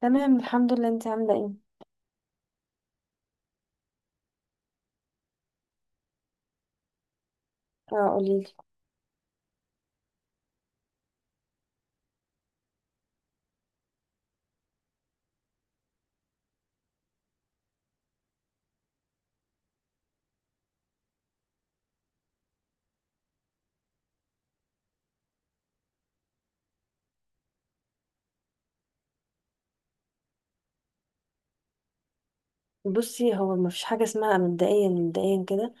تمام، الحمد لله. انت عامله ايه؟ اه قوليلي. بصي، هو ما فيش حاجه اسمها. مبدئيا مبدئيا كده،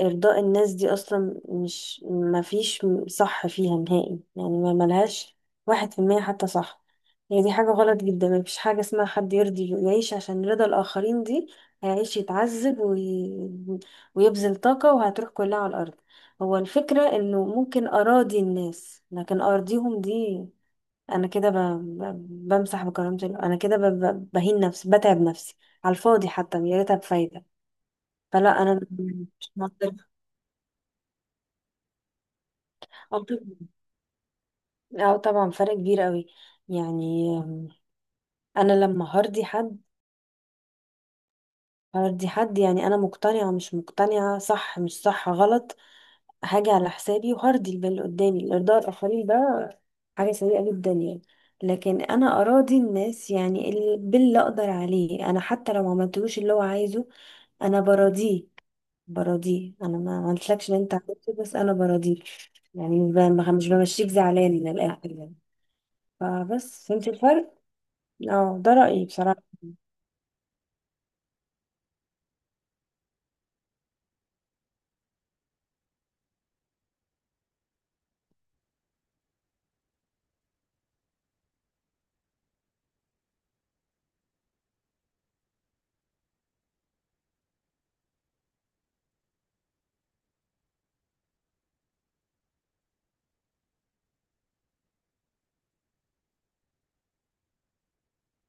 ارضاء الناس دي اصلا، مش ما فيش صح فيها نهائي. يعني ما ملهاش 1% حتى صح. هي دي حاجه غلط جدا. ما فيش حاجه اسمها حد يرضي يعيش عشان رضا الاخرين. دي هيعيش يتعذب ويبذل طاقه وهتروح كلها على الارض. هو الفكره انه ممكن اراضي الناس، لكن ارضيهم دي انا كده ب... انا كده بهين نفسي، بتعب نفسي على الفاضي، حتى يا ريتها بفايدة. فلا، انا مش مقدرة. اه طب- آه، طبعا فرق كبير قوي. يعني انا لما هرضي حد، هردي حد، يعني انا مقتنعة مش مقتنعة، صح مش صح، غلط حاجة على حسابي، وهرضي البال اللي قدامي. الارضاء الاخرين ده حاجة سيئة جدا يعني. لكن انا اراضي الناس يعني، باللي اقدر عليه انا، حتى لو ما عملتلوش اللي هو عايزه، انا براضيه. براضيه، انا ما عملتلكش اللي انت عملته، بس انا براضيك. يعني مش بمشيك زعلان من الاخر يعني. فبس، فهمت الفرق. اه، ده رأيي بصراحة.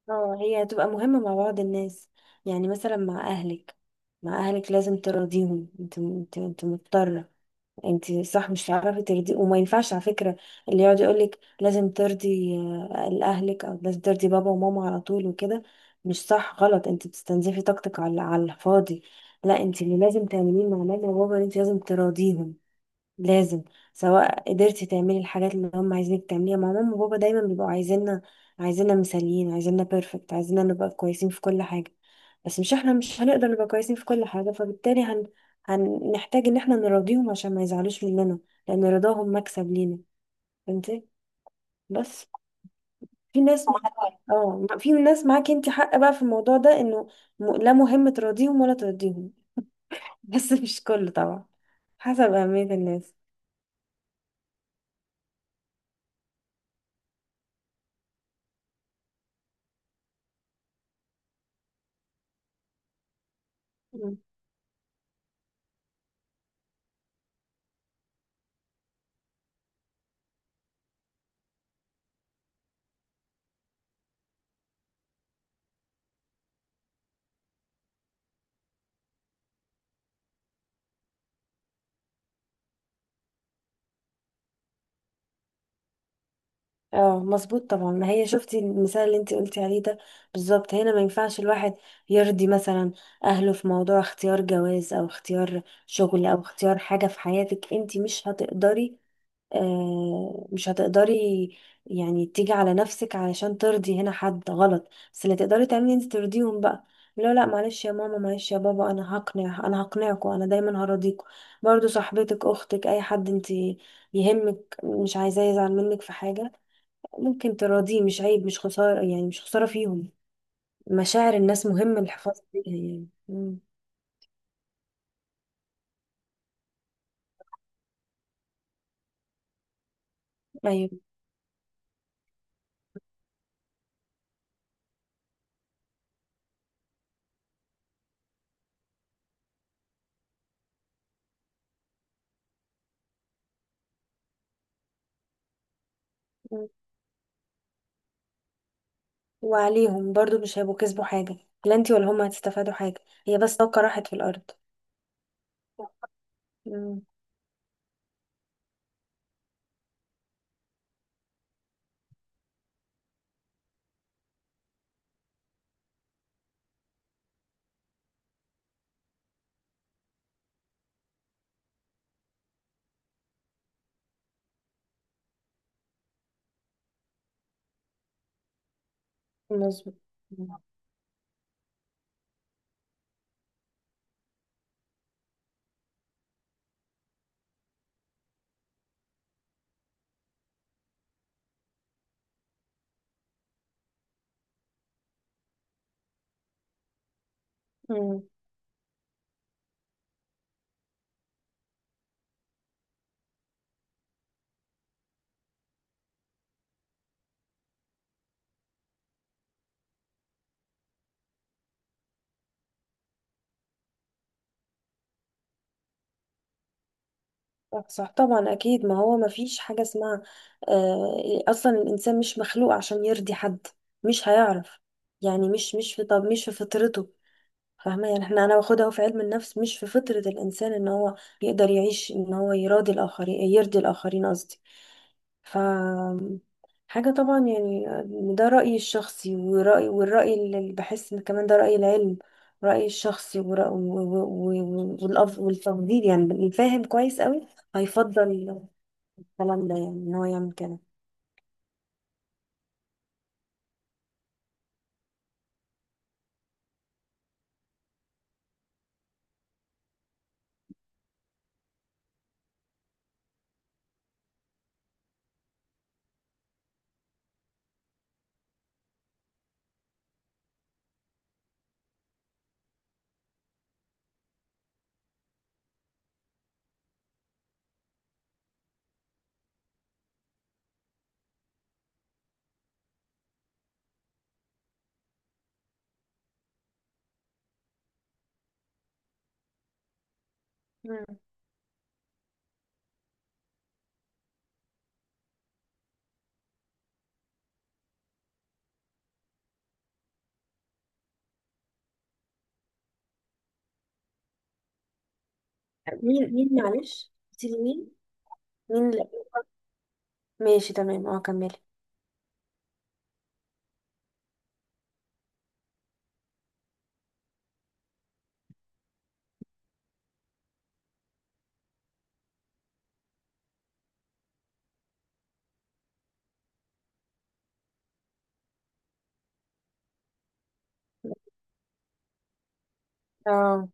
اه، هي هتبقى مهمة مع بعض الناس، يعني مثلا مع أهلك لازم ترضيهم. انت مضطرة. انت صح مش هتعرفي ترضي، وما ينفعش على فكرة اللي يقعد يقولك لازم ترضي أهلك، أو لازم ترضي بابا وماما على طول وكده. مش صح، غلط. انت بتستنزفي طاقتك على الفاضي. لا، انت اللي لازم تعمليه مع ماما وبابا ان انت لازم تراضيهم، لازم. سواء قدرتي تعملي الحاجات اللي هم عايزينك تعمليها. مع ماما وبابا دايما بيبقوا عايزيننا، عايزيننا مثاليين، عايزيننا بيرفكت، عايزيننا نبقى كويسين في كل حاجة. بس مش، احنا مش هنقدر نبقى كويسين في كل حاجة، فبالتالي هنحتاج ان احنا نراضيهم عشان ما يزعلوش مننا، لان رضاهم مكسب لينا. فهمتي؟ بس في ناس. اه، في ناس معاكي انت حق بقى في الموضوع ده، انه لا، مهم تراضيهم ولا ترضيهم. بس مش كله طبعا، حسب أهمية الناس. اه مظبوط طبعا. ما هي شفتي المثال اللي انت قلتي عليه ده، بالظبط. هنا ما ينفعش الواحد يرضي، مثلا، اهله في موضوع اختيار جواز، او اختيار شغل، او اختيار حاجة في حياتك. انت مش هتقدري، آه مش هتقدري، يعني تيجي على نفسك علشان ترضي هنا حد، غلط. بس اللي تقدري تعملي، انت ترضيهم بقى. لا لا، معلش يا ماما، معلش يا بابا، انا هقنع، انا هقنعكم، انا دايما هراضيكم. برضو صاحبتك، اختك، اي حد انت يهمك مش عايزاه يزعل منك في حاجة، ممكن تراضيه. مش عيب، مش خسارة يعني، مش خسارة فيهم. مشاعر الناس مهم الحفاظ عليها يعني. مم. أيوة. مم. وعليهم برضو مش هيبقوا كسبوا حاجة. لا انتي ولا هما هتستفادوا حاجة. هي بس طاقة راحت في الأرض. مم. مظبوط. مم. صح صح. طبعا أكيد. ما هو ما فيش حاجة اسمها. أصلا، الإنسان مش مخلوق عشان يرضي حد، مش هيعرف. يعني مش في، طب مش في فطرته. فاهمة يعني، انا باخدها في علم النفس. مش في فطرة الانسان ان هو يقدر يعيش ان هو يراضي الاخرين، يرضي الاخرين قصدي. ف حاجة طبعا يعني. ده رأيي الشخصي والرأي اللي بحس ان كمان ده رأي العلم، رأيي الشخصي والتفضيل، يعني اللي فاهم كويس قوي هيفضل الكلام ده، يعني ان هو يعمل كده. مم. مين معلش قلتيلي مين؟ مين؟ لا، ماشي، تمام، اه كملي. اه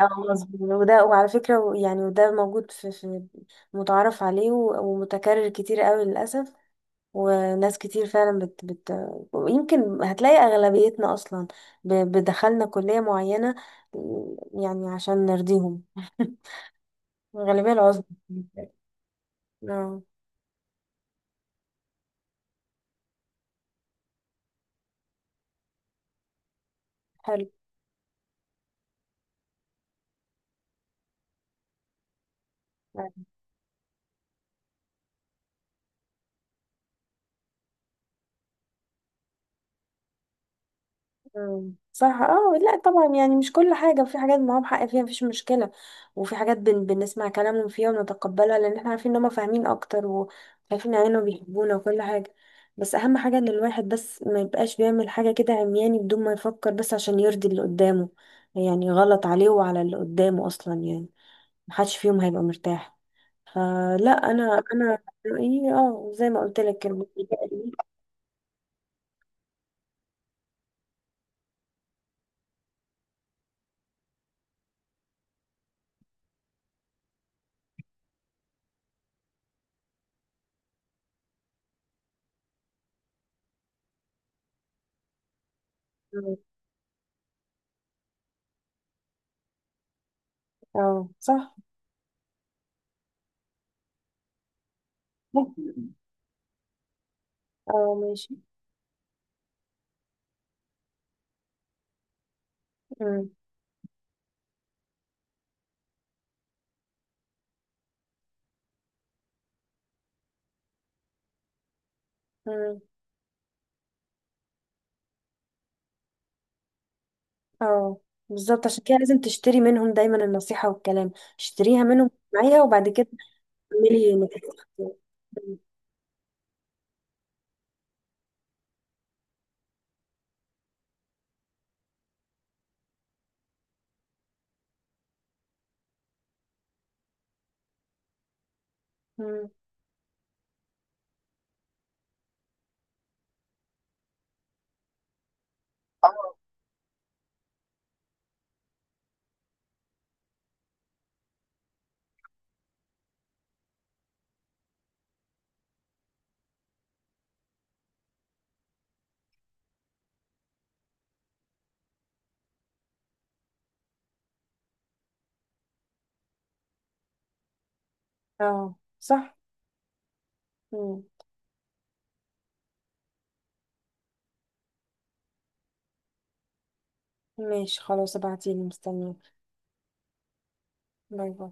اه مظبوط. وده، وعلى فكرة يعني وده موجود في متعارف عليه ومتكرر كتير قوي للأسف. وناس كتير فعلا بت بت يمكن هتلاقي أغلبيتنا أصلا بدخلنا كلية معينة يعني عشان نرضيهم. الغالبية العظمى. اه حلو. مم. صح. اه لا طبعا يعني، مش كل حاجة، في حاجات معاهم حق فيها، مفيش مشكلة. وفي حاجات بنسمع كلامهم فيها ونتقبلها، لأن احنا عارفين ان هما فاهمين أكتر وعارفين يعني انهم بيحبونا وكل حاجة. بس أهم حاجة ان الواحد بس ما يبقاش بيعمل حاجة كده عمياني بدون ما يفكر، بس عشان يرضي اللي قدامه. يعني غلط عليه وعلى اللي قدامه أصلا يعني. محدش فيهم هيبقى مرتاح. فلا، أنا رأيي، اه زي ما قلت لك اه. آه، صح. اه ماشي. مم. مم. اه بالظبط، عشان كده لازم تشتري منهم دايما النصيحة والكلام. اشتريها منهم معايا، وبعد كده تعملي نتيجة. مم. مم. اه صح. مم. ماشي، خلاص، ابعتيلي، مستنيك. باي باي.